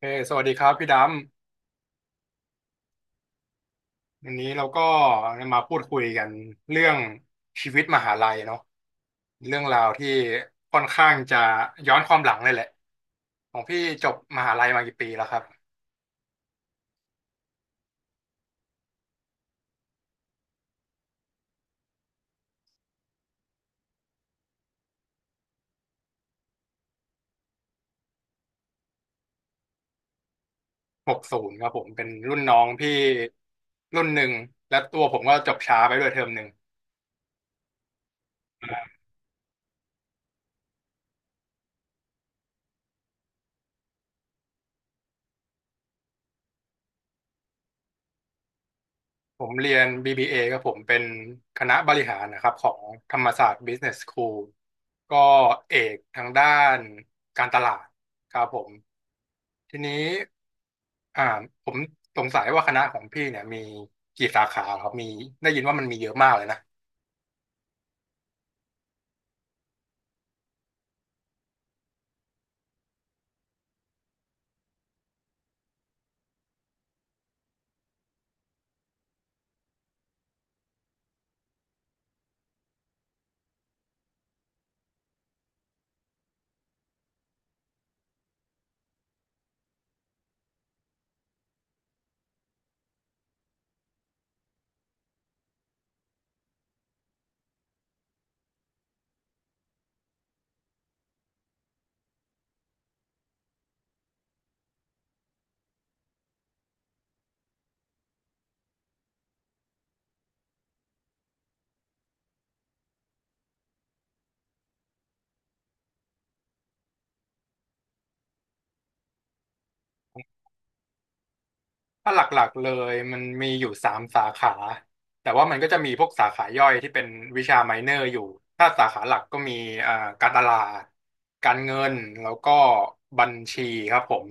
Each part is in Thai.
สวัสดีครับพี่ดำวันนี้เราก็มาพูดคุยกันเรื่องชีวิตมหาลัยเนาะเรื่องราวที่ค่อนข้างจะย้อนความหลังเลยแหละของพี่จบมหาลัยมากี่ปีแล้วครับหกศูนย์ครับผมเป็นรุ่นน้องพี่รุ่นหนึ่งและตัวผมก็จบช้าไปด้วยเทอมหนึ่ง ผมเรียน BBA ก็ผมเป็นคณะบริหารนะครับของธรรมศาสตร์ Business School ก็เอกทางด้านการตลาดครับผมทีนี้อ่าผมสงสัยว่าคณะของพี่เนี่ยมีกี่สาขาครับมีได้ยินว่ามันมีเยอะมากเลยนะ ถ้าหลักๆเลยมันมีอยู่สามสาขาแต่ว่ามันก็จะมีพวกสาขาย่อยที่เป็นวิชาไมเนอร์อยู่ถ้าสาขาหลักก็มีเอ่อการตลาดการเงินแล้วก็บัญชีครับผม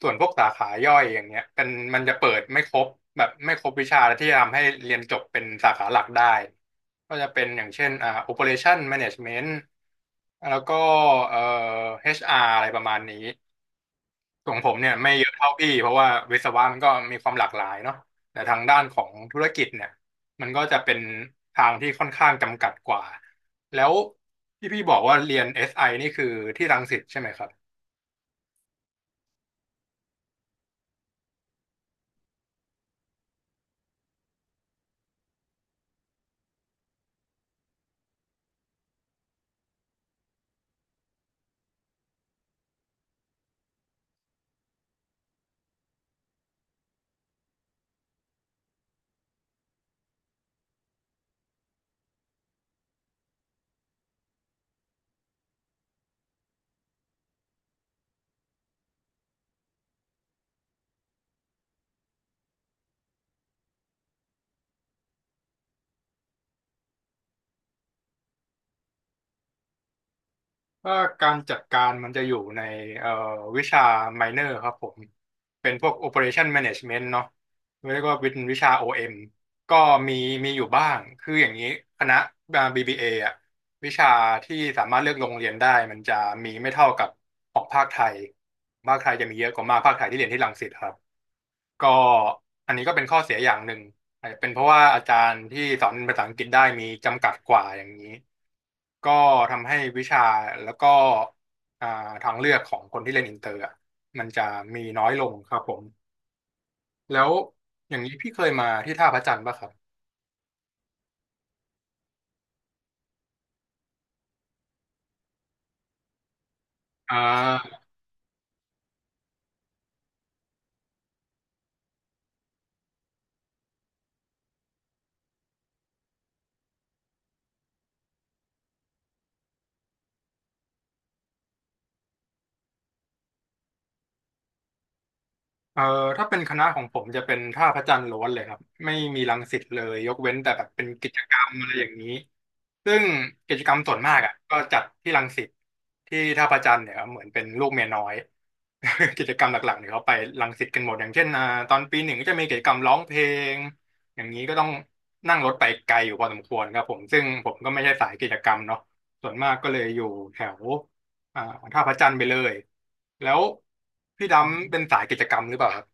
ส่วนพวกสาขาย่อยอย่างเงี้ยเป็นมันจะเปิดไม่ครบแบบไม่ครบวิชาที่จะทำให้เรียนจบเป็นสาขาหลักได้ก็จะเป็นอย่างเช่นOperation Management แล้วก็เอ่อ HR อชอาร์อะไรประมาณนี้ ของผมเนี่ยไม่เยอะเท่าพี่เพราะว่าวิศวะมันก็มีความหลากหลายเนาะแต่ทางด้านของธุรกิจเนี่ยมันก็จะเป็นทางที่ค่อนข้างจำกัดกว่าแล้วที่พี่บอกว่าเรียน SI นี่คือที่รังสิตใช่ไหมครับ ถ้าการจัดการมันจะอยู่ในเอ่อวิชาไมเนอร์ครับผมเป็นพวก operation management เปอเรชั่นแมเนจเมนต์เนาะเรียกว่าเป็นวิชา OM ก็มีมีอยู่บ้างคืออย่างนี้คณะBBA ออะวิชาที่สามารถเลือกโรงเรียนได้มันจะมีไม่เท่ากับของภาคไทยจะมีเยอะกว่ามากภาคไทยที่เรียนที่รังสิตครับก็อันนี้ก็เป็นข้อเสียอย่างหนึ่ง อาจจะเป็นเพราะว่าอาจารย์ที่สอนภาษาอังกฤษได้มีจำกัดกว่าอย่างนี้ก็ทำให้วิชาแล้วก็อ่าทางเลือกของคนที่เรียนอินเตอร์อะมันจะมีน้อยลงครับผมแล้วอย่างนี้พี่เคยมาที่ท่าพระจันทร์ป่ะครับอ่า เอ่อถ้าเป็นคณะของผมจะเป็นท่าพระจันทร์ล้วนเลยครับไม่มีรังสิตเลยยกเว้นแต่แบบเป็นกิจกรรมอะไรอย่างนี้ซึ่งกิจกรรมส่วนมากอ่ะก็จัดที่รังสิตที่ท่าพระจันทร์เนี่ยครับเหมือนเป็นลูกเมียน้อย กิจกรรมหลักๆเนี่ยเขาไปรังสิตกันหมดอย่างเช่นตอนปีหนึ่งก็จะมีกิจกรรมร้องเพลงอย่างนี้ก็ต้องนั่งรถไปไกลอยู่พอสมควรครับผมซึ่งผมก็ไม่ใช่สายกิจกรรมเนาะส่วนมากก็เลยอยู่แถว อ่าท่าพระจันทร์ไปเลยแล้วพี่ดำเป็นสายกิจกรรมหรือเปล่าครับ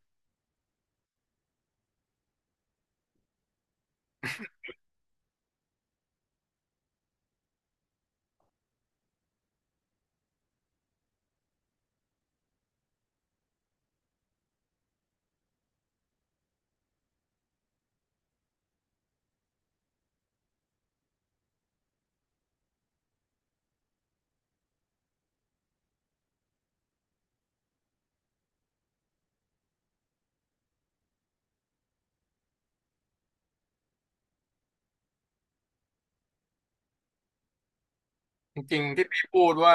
จริงๆที่พี่พูดว่า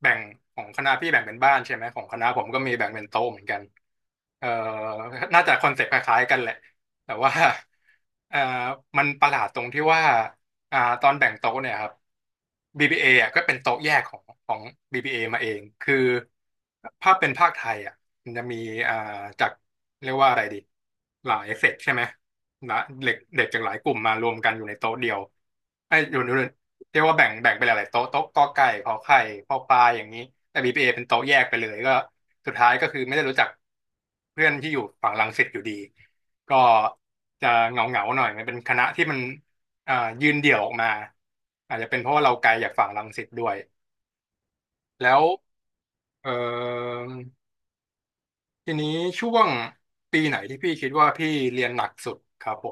แบ่งของคณะพี่แบ่งเป็นบ้านใช่ไหมของคณะผมก็มีแบ่งเป็นโต๊ะเหมือนกันเอ่อน่าจะคอนเซ็ปต์คล้ายๆกันแหละแต่ว่าเอ่อมันประหลาดตรงที่ว่าตอนแบ่งโต๊ะเนี่ยครับ b p a ออ่ะก็เป็นโต๊ะแยกของ BBA มาเองคือภาพเป็นภาคไทยอ่ะมันจะมีอ่าจากเรียกว่าอะไรดีหลายเซกใช่ไหม นะเด็กเด็กจากหลายกลุ่มมารวมกันอยู่ในโต๊ะเดียวไอ้ยอยู่ในเรียกว่าแบ่งไปหลายๆโต๊ะโต๊ะกอไก่ขอไข่พอปลาอย่างนี้แต่บีพีเอเป็นโต๊ะแยกไปเลยก็สุดท้ายก็คือไม่ได้รู้จักเพื่อนที่อยู่ฝั่งรังสิตอยู่ดีก็จะเหงาเงาหน่อยมันเป็นคณะที่มันอ่ายืนเดี่ยวออกมาอาจจะเป็นเพราะว่าเราไกลจากฝั่งรังสิตด้วยแล้วเอ่อทีนี้ช่วงปีไหนที่พี่คิดว่าพี่เรียนหนักสุดครับผ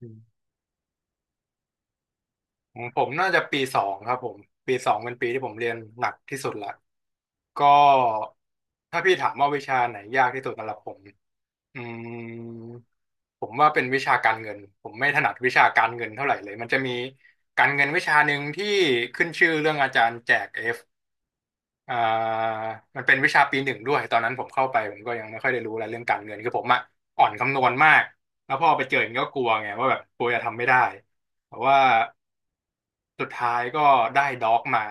ม ผมน่าจะปีสองครับผมปีสองเป็นปีที่ผมเรียนหนักที่สุดละก็ถ้าพี่ถามว่าวิชาไหนยากที่สุดสำหรับผมอืมผมว่าเป็นวิชาการเงินผมไม่ถนัดวิชาการเงินเท่าไหร่เลยมันจะมีการเงินวิชาหนึ่งที่ขึ้นชื่อเรื่องอาจารย์แจกเอฟอ่ามันเป็นวิชาปีหนึ่งด้วยตอนนั้นผมเข้าไปผมก็ยังไม่ค่อยได้รู้อะไรเรื่องการเงินคือผมอะอ่อนคำนวณมากแล้วพอไปเจออย่างนี้ก็กลัวไงว่าแบบกลัวจะทำไม่ได้แต่ว่า สุดท้ายก็ได้ด็อกมา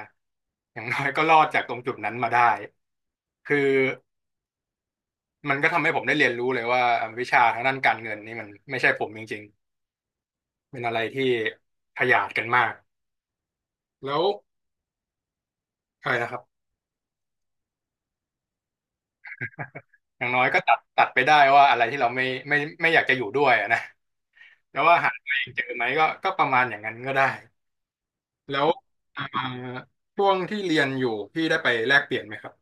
อย่างน้อย ก็รอดจากตรงจุดนั้นมาได้ คือมันก็ทำให้ผมได้เรียนรู้เลยว่าวิชาทางด้านการเงินนี่มันไม่ใช่ผมจริงๆ เป็นอะไรที่ขยาดกันมาก แล้วอะไรนะครับอย่างน้อยก็ตัดไปได้ว่าอะไรที่เราไม่ไม่อยากจะอยู่ด้วยอะนะแล้วว่าหาตัวเองเจอไหมก็ประมาณอย่างนั้นก็ได้แล้วอ่าช่วงที่เรียนอยู่พี่ได้ไปแลกเปลี่ยนไหมครับ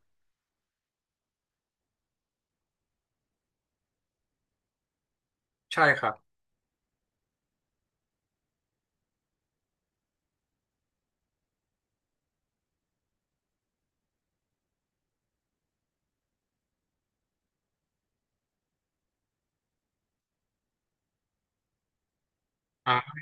ใช่ครับอ่า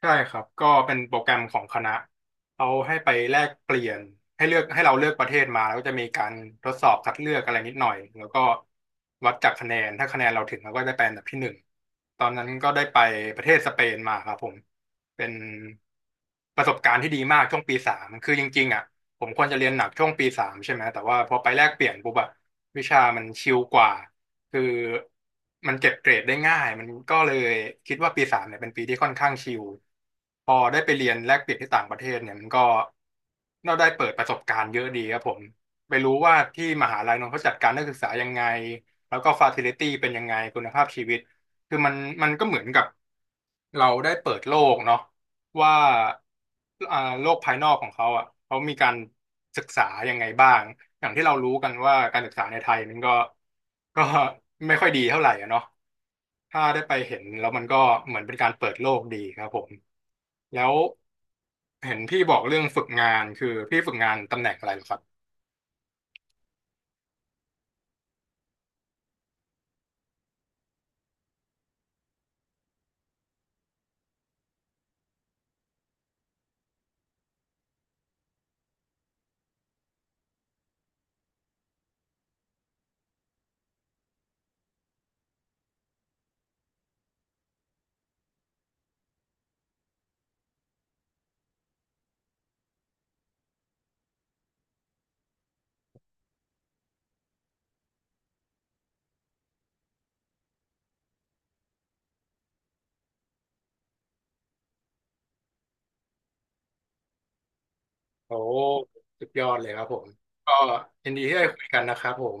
ใช่ครับก็เป็นโปรแกรมของคณะเขาให้ไปแลกเปลี่ยนให้เลือกให้เราเลือกประเทศมาแล้วก็จะมีการทดสอบคัดเลือกอะไรนิดหน่อยแล้วก็วัดจากคะแนนถ้าคะแนนเราถึงเราก็ได้ไปอันดับที่หนึ่งตอนนั้นก็ได้ไปประเทศสเปนมาครับผมเป็นประสบการณ์ที่ดีมากช่วงปีสามคือจริงๆอ่ะผมควรจะเรียนหนักช่วงปีสามใช่ไหมแต่ว่าพอไปแลกเปลี่ยนปุ๊บอะวิชามันชิลกว่า คือมันเก็บเกรดได้ง่ายมันก็เลยคิดว่าปีสามเนี่ยเป็นปีที่ค่อนข้างชิลพอได้ไปเรียนแลกเปลี่ยนที่ต่างประเทศเนี่ยมันก็เราได้เปิดประสบการณ์เยอะดีครับผมไปรู้ว่าที่มหาลัยนนท์เขาจัดการนักศึกษายังไงแล้วก็ฟาซิลิตี้เป็นยังไงคุณภาพชีวิตคือมันก็เหมือนกับ เราได้เปิดโลกเนาะว่าโลกภายนอกของเขาอ่ะเขามีการศึกษายังไงบ้างอย่างที่เรารู้กันว่าการศึกษาในไทยมันก็ไม่ค่อยดีเท่าไหร่อะเนาะถ้าได้ไปเห็นแล้วมันก็เหมือนเป็นการเปิดโลกดีครับผมแล้วเห็นพี่บอกเรื่องฝึกงานคือพี่ฝึกงานตำแหน่งอะไรเหรอครับโอ้สุดยอดเลยครับผมก็ยินดีที่ได้คุยกันนะครับผม